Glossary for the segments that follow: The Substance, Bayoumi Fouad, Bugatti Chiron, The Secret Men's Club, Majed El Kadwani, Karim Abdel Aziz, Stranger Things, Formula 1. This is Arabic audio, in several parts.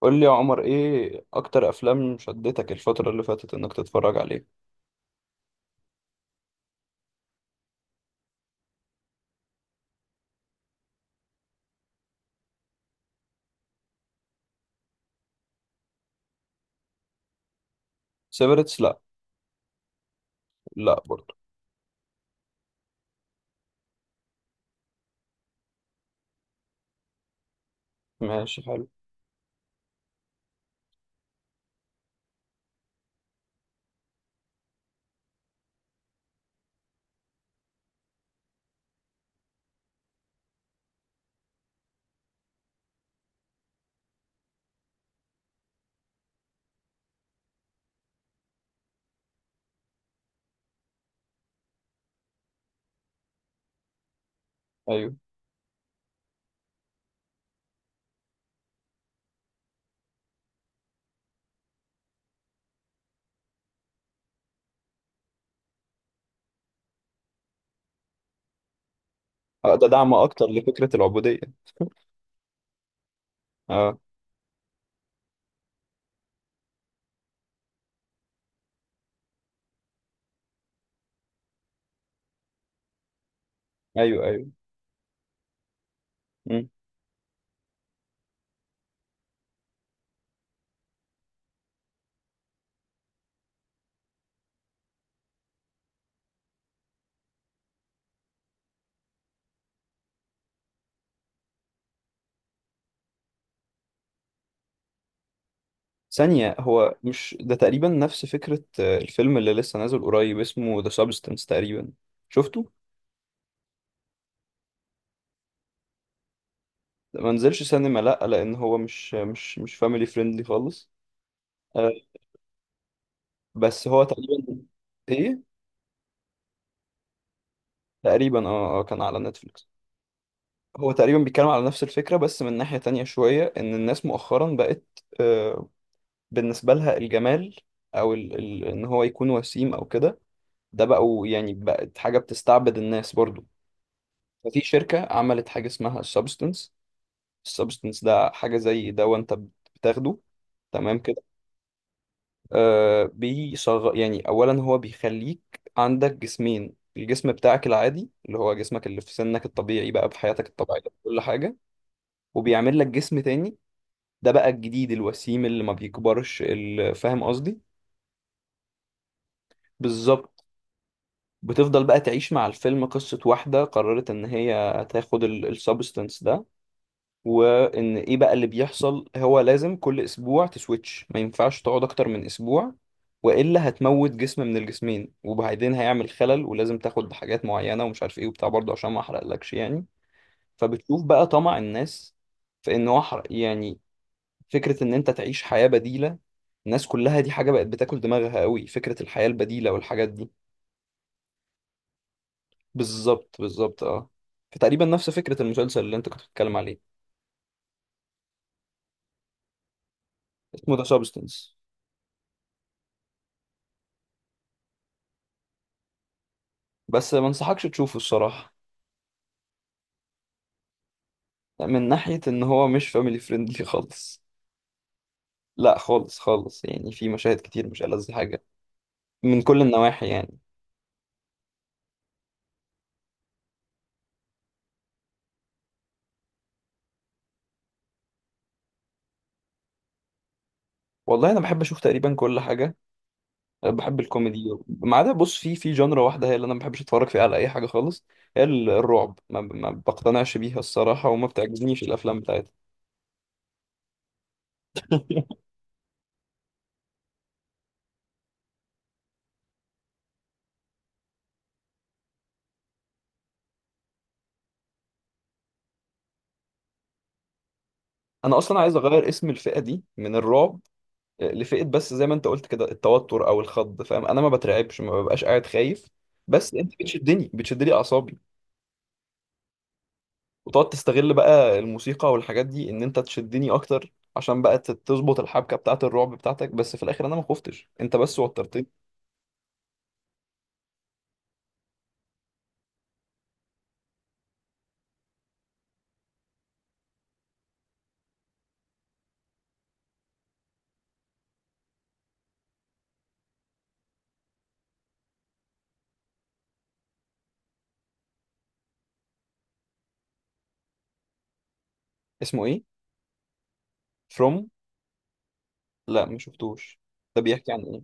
قول لي يا عمر ايه اكتر افلام شدتك الفترة اللي فاتت انك تتفرج عليها؟ سيفرتس، لا. لا برضه. ماشي، حلو. ايوه. ده دعم اكتر لفكرة العبودية. اه، ايوه، ايوه. مم. ثانية، هو مش ده تقريبا نفس فكرة الفيلم اللي لسه نازل قريب اسمه ذا سابستنس تقريبا. شفته؟ ده ما نزلش سينما، لا، لان هو مش فاميلي فريندلي خالص. آه، بس هو تقريبا. ايه. تقريبا، اه، كان على نتفليكس. هو تقريبا بيتكلم على نفس الفكرة بس من ناحية تانية شوية إن الناس مؤخرا بقت، آه، بالنسبة لها الجمال أو إن هو يكون وسيم أو كده، ده بقوا يعني بقت حاجة بتستعبد الناس برضو. ففي شركة عملت حاجة اسمها السبستنس. السبستنس ده حاجة زي دواء أنت بتاخده، تمام كده. آه بيصغ يعني أولا هو بيخليك عندك جسمين، الجسم بتاعك العادي اللي هو جسمك اللي في سنك الطبيعي بقى بحياتك الطبيعية كل حاجة، وبيعمل لك جسم تاني، ده بقى الجديد الوسيم اللي ما بيكبرش فاهم قصدي. بالظبط. بتفضل بقى تعيش مع الفيلم. قصة واحدة قررت ان هي تاخد السبستنس ده، وان ايه بقى اللي بيحصل. هو لازم كل اسبوع تسويتش، ما ينفعش تقعد اكتر من اسبوع والا هتموت جسم من الجسمين، وبعدين هيعمل خلل ولازم تاخد حاجات معينة ومش عارف ايه وبتاع، برضه عشان ما احرقلكش يعني. فبتشوف بقى طمع الناس في ان هو يعني فكرة إن أنت تعيش حياة بديلة. الناس كلها دي حاجة بقت بتاكل دماغها قوي، فكرة الحياة البديلة والحاجات دي. بالظبط بالظبط، اه. فتقريبا نفس فكرة المسلسل اللي أنت كنت بتتكلم عليه. اسمه ذا سابستنس. بس ما انصحكش تشوفه الصراحة، من ناحية إن هو مش فاميلي فريندلي خالص. لا خالص خالص، يعني في مشاهد كتير مش ألذ حاجة من كل النواحي يعني. والله أنا بحب أشوف تقريبا كل حاجة. بحب الكوميدي ما عدا، بص، في جنرا واحدة هي اللي أنا ما بحبش أتفرج فيها على أي حاجة خالص. هي الرعب، ما بقتنعش بيها الصراحة وما بتعجبنيش الأفلام بتاعتها. أنا أصلا عايز أغير اسم الفئة دي من الرعب، لفئة، بس زي ما أنت قلت كده، التوتر أو الخض. فاهم، أنا ما بترعبش، ما ببقاش قاعد خايف، بس أنت بتشدني، بتشدلي أعصابي، وتقعد تستغل بقى الموسيقى والحاجات دي إن أنت تشدني أكتر عشان بقى تظبط الحبكة بتاعة الرعب بتاعتك. بس في الآخر أنا ما خفتش، أنت بس وترتني. اسمه إيه؟ From. لا ما شفتوش. ده بيحكي عن ايه؟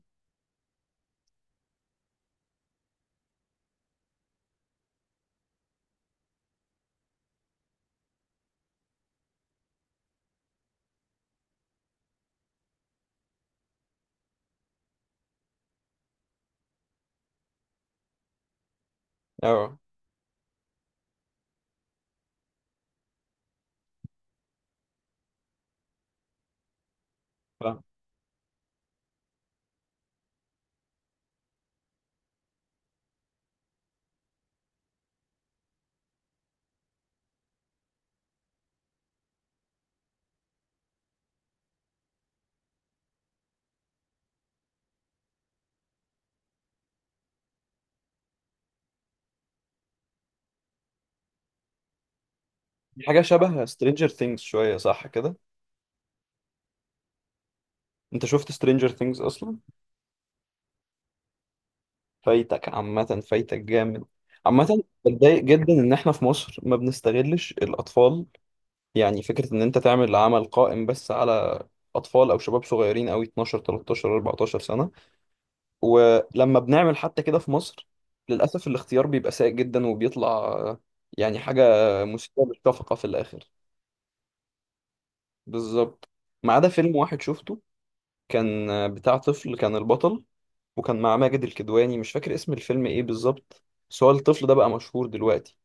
اه فاهم. دي حاجه شبه سترينجر ثينجز شويه، صح كده؟ انت شفت سترينجر ثينجز اصلا؟ فايتك، عامه. فايتك جامد. عامه بتضايق جدا ان احنا في مصر ما بنستغلش الاطفال، يعني فكره ان انت تعمل عمل قائم بس على اطفال او شباب صغيرين قوي، 12 13 14 سنه. ولما بنعمل حتى كده في مصر، للاسف الاختيار بيبقى سيء جدا وبيطلع يعني حاجه مسيئه للشفقه في الاخر. بالظبط. ما عدا فيلم واحد شفته، كان بتاع طفل كان البطل، وكان مع ماجد الكدواني. مش فاكر اسم الفيلم ايه بالظبط، بس هو الطفل ده بقى مشهور دلوقتي.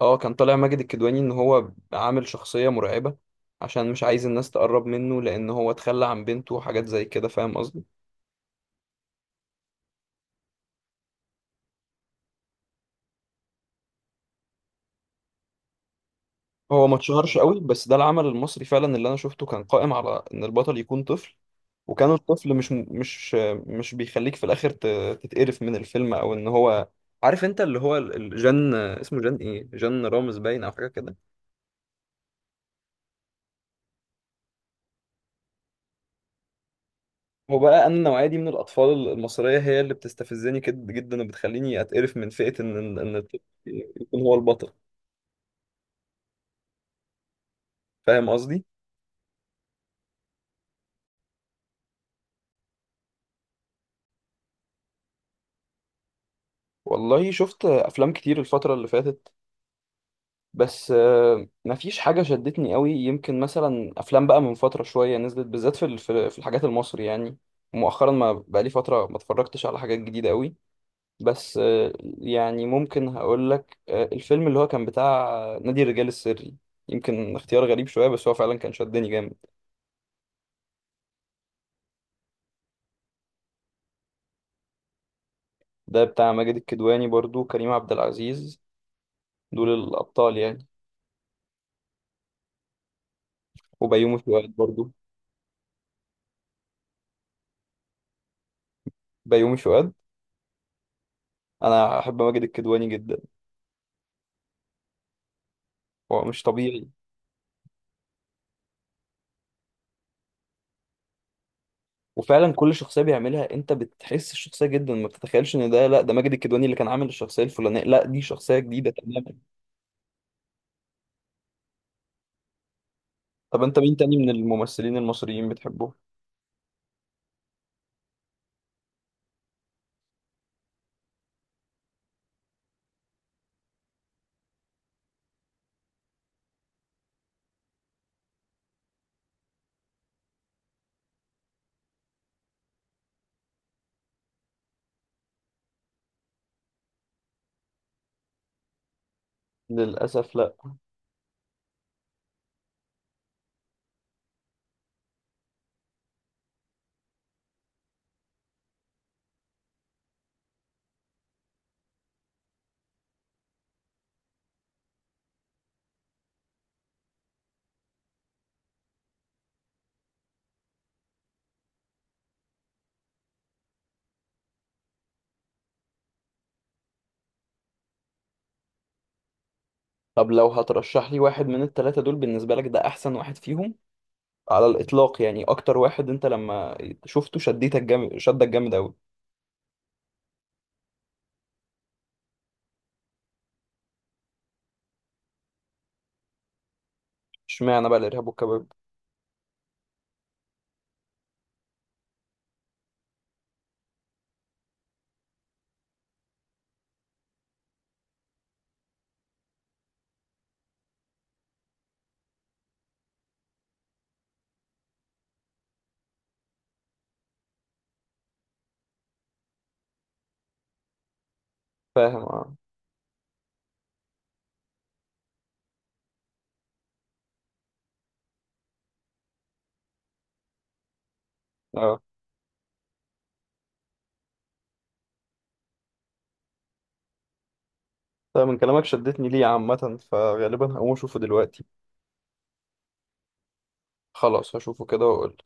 اه، كان طالع ماجد الكدواني ان هو عامل شخصية مرعبة عشان مش عايز الناس تقرب منه، لان هو اتخلى عن بنته وحاجات زي كده، فاهم قصدي. هو ما اتشهرش قوي، بس ده العمل المصري فعلا اللي انا شفته كان قائم على ان البطل يكون طفل. وكان الطفل مش بيخليك في الاخر تتقرف من الفيلم، او ان هو، عارف انت اللي هو جان، اسمه جان ايه، جان رامز باين او حاجه كده. هو بقى، انا النوعيه دي من الاطفال المصريه هي اللي بتستفزني جدا، وبتخليني اتقرف من فئه ان إن الطفل يكون هو البطل، فاهم قصدي. والله شفت افلام كتير الفتره اللي فاتت، بس مفيش حاجة شدتني قوي. يمكن مثلا أفلام بقى من فترة شوية نزلت بالذات في الحاجات المصري يعني، مؤخرا ما بقالي فترة ما اتفرجتش على حاجات جديدة قوي. بس يعني ممكن هقول لك الفيلم اللي هو كان بتاع نادي الرجال السري. يمكن اختيار غريب شوية بس هو فعلا كان شدني جامد. ده بتاع ماجد الكدواني، برضو كريم عبد العزيز، دول الأبطال يعني، وبيومي فؤاد برضو. بيومي فؤاد. أنا أحب ماجد الكدواني جدا، هو مش طبيعي. وفعلا كل شخصيه بيعملها انت بتحس الشخصيه جدا، ما بتتخيلش ان ده، لا ده ماجد الكدواني اللي كان عامل الشخصيه الفلانيه، لا دي شخصيه جديده تماما. طب انت مين تاني من الممثلين المصريين بتحبه؟ للاسف لا. طب لو هترشح لي واحد من الثلاثه دول بالنسبه لك ده احسن واحد فيهم على الاطلاق، يعني اكتر واحد انت لما شفته شديتك جامد، شدك جامد قوي. اشمعنى بقى الارهاب والكباب؟ فاهم، اه، اه. طيب من كلامك شدتني ليه عامه، فغالبا هقوم اشوفه دلوقتي. خلاص هشوفه كده واقول.